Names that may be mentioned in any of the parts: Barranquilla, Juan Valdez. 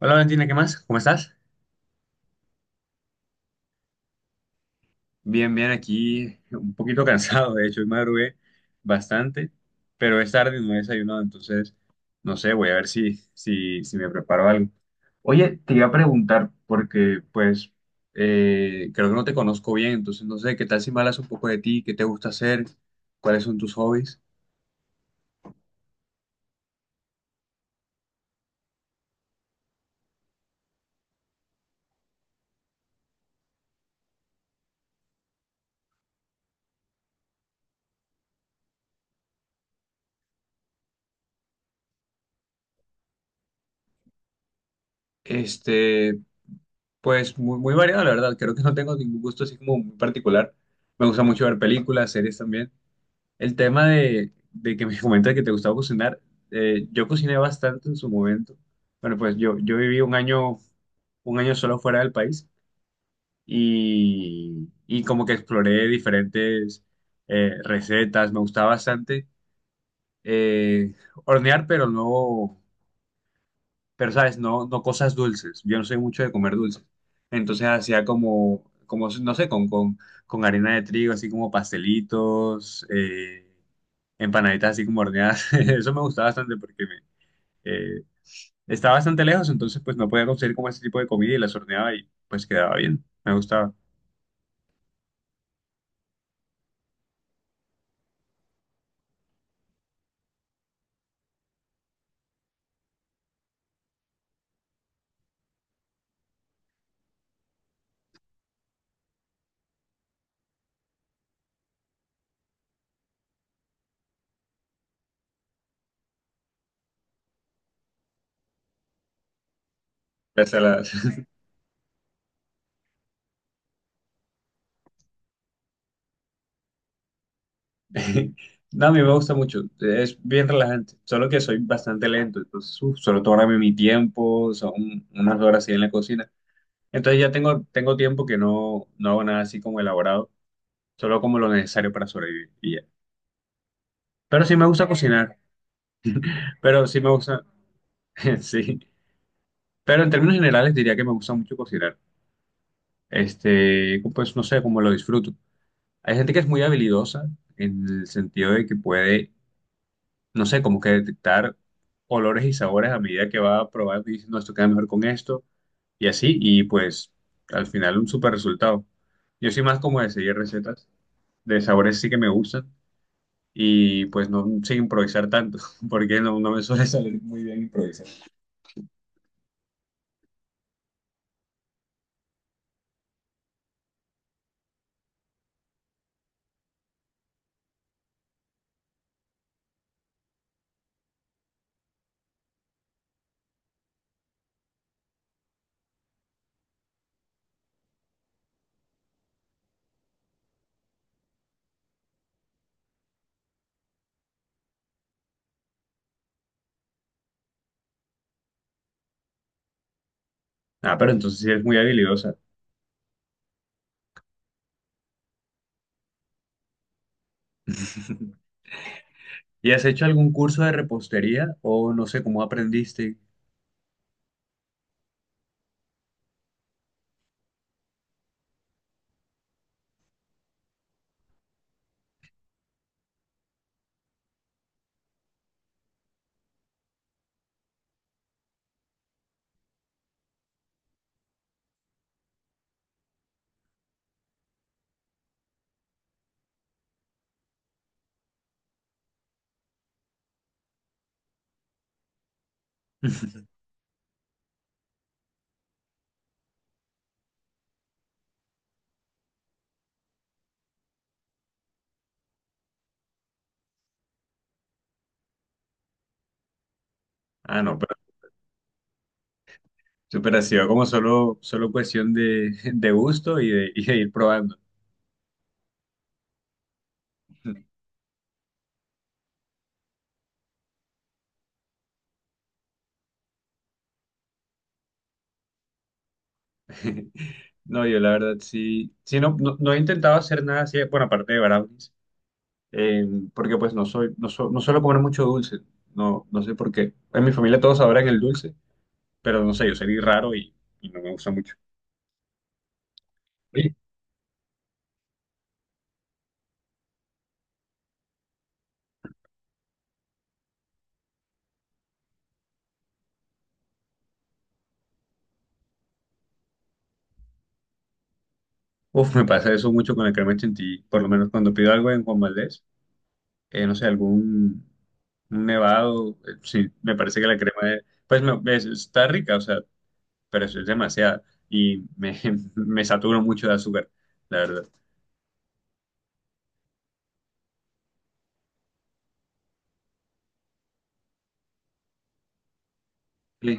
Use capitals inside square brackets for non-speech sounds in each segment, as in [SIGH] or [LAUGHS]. Hola Valentina, ¿qué más? ¿Cómo estás? Bien, aquí un poquito [LAUGHS] cansado, de hecho, hoy madrugué bastante, pero es tarde y no he desayunado, entonces, no sé, voy a ver si me preparo algo. Oye, te iba a preguntar, porque pues creo que no te conozco bien, entonces no sé, ¿qué tal si me hablas un poco de ti? ¿Qué te gusta hacer? ¿Cuáles son tus hobbies? Este, pues muy variado, la verdad, creo que no tengo ningún gusto así como muy particular. Me gusta mucho ver películas, series también. El tema de que me [LAUGHS] comentas que te gustaba cocinar, yo cociné bastante en su momento. Bueno, pues yo viví un año solo fuera del país y como que exploré diferentes recetas. Me gustaba bastante eh, hornear, pero no, pero sabes, no, no cosas dulces. Yo no soy mucho de comer dulces. Entonces hacía como, como no sé, con harina de trigo, así como pastelitos, empanaditas así como horneadas. [LAUGHS] Eso me gustaba bastante porque me, eh, estaba bastante lejos, entonces pues no podía conseguir como ese tipo de comida y las horneaba y pues quedaba bien. Me gustaba. Las saladas. [LAUGHS] No, a mí me gusta mucho, es bien relajante, solo que soy bastante lento, entonces uf, solo tómame mi tiempo, son unas horas ahí en la cocina. Entonces ya tengo tiempo que no, no hago nada así como elaborado, solo como lo necesario para sobrevivir y ya. Pero sí me gusta cocinar, pero sí me gusta, [LAUGHS] sí. Pero en términos generales diría que me gusta mucho cocinar. Pues no sé, como lo disfruto. Hay gente que es muy habilidosa en el sentido de que puede, no sé, como que detectar olores y sabores a medida que va probando y dice, no, esto queda mejor con esto y así, y pues al final un super resultado. Yo soy más como de seguir recetas, de sabores sí que me gustan y pues no sin improvisar tanto, [LAUGHS] porque no, no me suele salir muy bien improvisar. Ah, pero entonces sí eres muy habilidosa. [LAUGHS] ¿Y has hecho algún curso de repostería o no sé cómo aprendiste? [LAUGHS] Ah, no, pero ha sido como solo cuestión de, [LAUGHS] de gusto y de ir probando. [LAUGHS] No, yo la verdad sí, sí no, no, no he intentado hacer nada así, bueno, aparte de brownies, eh, porque pues no soy, no, so- no suelo comer mucho dulce, no, no sé por qué. En mi familia todos adoran el dulce, pero no sé, yo salí raro y no me gusta mucho. Sí. Uf, me pasa eso mucho con el crema chantilly, por lo menos cuando pido algo en Juan Valdez, no sé, algún un nevado, sí, me parece que la crema es, pues no, es- está rica, o sea, pero eso es demasiada y me, [LAUGHS] me saturo mucho de azúcar, la verdad. Sí,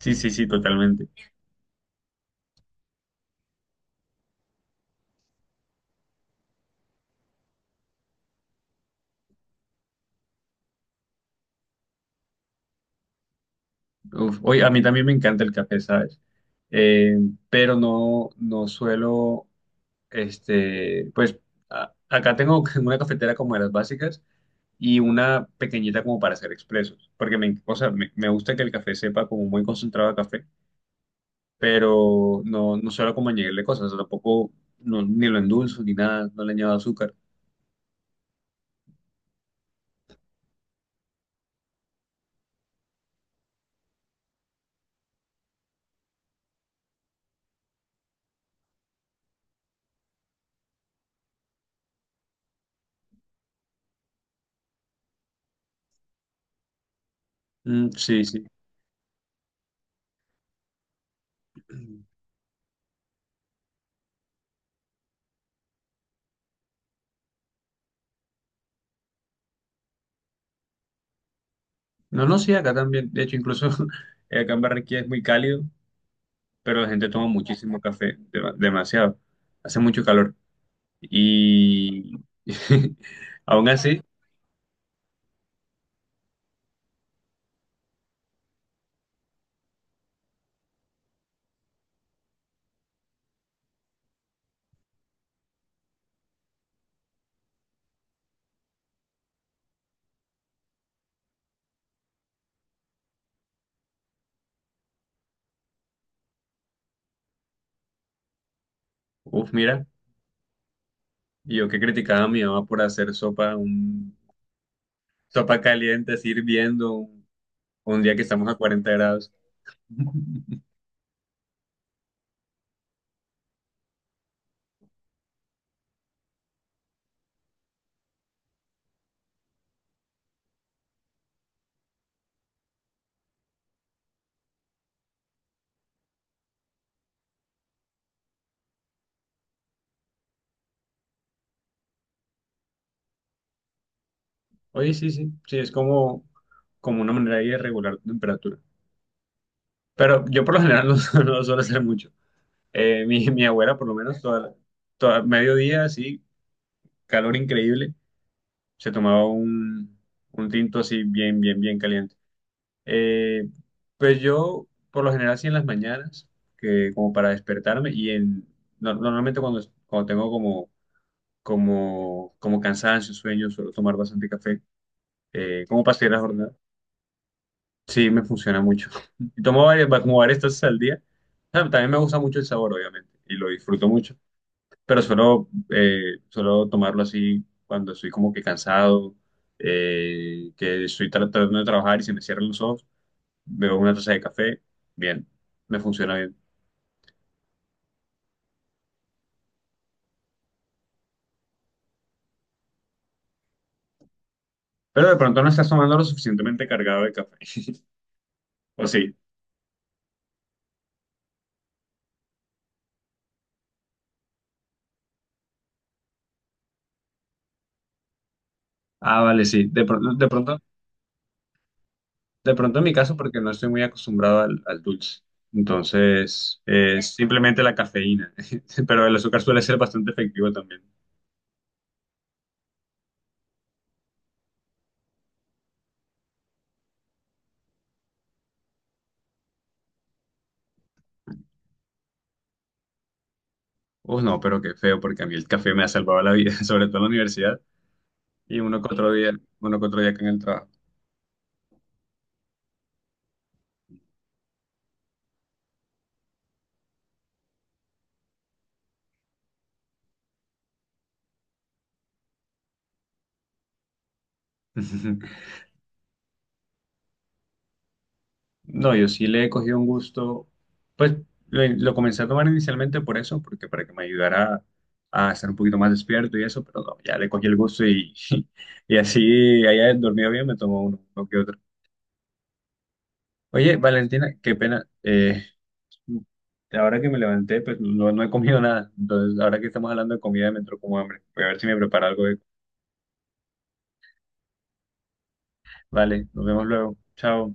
sí, sí, sí, totalmente. Uf, oye, a mí también me encanta el café, ¿sabes? Eh, pero no, no suelo, pues a- acá tengo [LAUGHS] una cafetera como de las básicas y una pequeñita como para hacer expresos, porque me, o sea, me gusta que el café sepa como muy concentrado a café, pero no, no suelo como añadirle cosas, o sea, tampoco no- ni lo endulzo ni nada, no le añado azúcar. Mm, sí, sí. No, no, sí, acá también, de hecho, incluso [LAUGHS] acá en Barranquilla es muy cálido, pero la gente toma muchísimo café, dema- demasiado, hace mucho calor y [LAUGHS] aún así, uff, mira, yo que criticaba a mi mamá por hacer sopa un Sopa caliente, así hirviendo, un día que estamos a 40 grados. [LAUGHS] Oye, sí, sí, sí, es como, como una manera ahí de regular la temperatura. Pero yo por lo general no, su- [LAUGHS] no suelo hacer mucho. Mi abuela, por lo menos, toda, toda mediodía, así, calor increíble, se tomaba un tinto así bien caliente. Eh, pues yo, por lo general, así en las mañanas, que como para despertarme y en, no- normalmente cuando, cuando tengo como como, como cansancio, sueño, suelo tomar bastante café. ¿Como para seguir la jornada? Sí, me funciona mucho. [LAUGHS] Y tomo varias, va- como varias tazas al día. Ah, también me gusta mucho el sabor, obviamente, y lo disfruto mucho, pero suelo, suelo tomarlo así cuando estoy como que cansado, que estoy tra- tratando de trabajar y se me cierran los ojos, bebo una taza de café, bien, me funciona bien. Pero de pronto no estás tomando lo suficientemente cargado de café, [LAUGHS] ¿o sí? Ah, vale, sí, de, pronto- de pronto de pronto en mi caso, porque no estoy muy acostumbrado al, al dulce. Entonces, es simplemente la cafeína. [LAUGHS] Pero el azúcar suele ser bastante efectivo también. Uf, no, pero qué feo, porque a mí el café me ha salvado la vida, [LAUGHS] sobre todo en la universidad. Y uno que otro día, uno que otro día acá en el trabajo. [LAUGHS] No, yo sí le he cogido un gusto. Pues lo comencé a tomar inicialmente por eso, porque para que me ayudara a estar un poquito más despierto y eso, pero no, ya le cogí el gusto y, [LAUGHS] y así haya dormido bien, me tomo uno, uno que otro. Oye, Valentina, qué pena. Ahora que me levanté, pues no, no he comido nada. Entonces, ahora que estamos hablando de comida, me entró como hambre. Voy a ver si me preparo algo. De- Vale, nos vemos luego. Chao.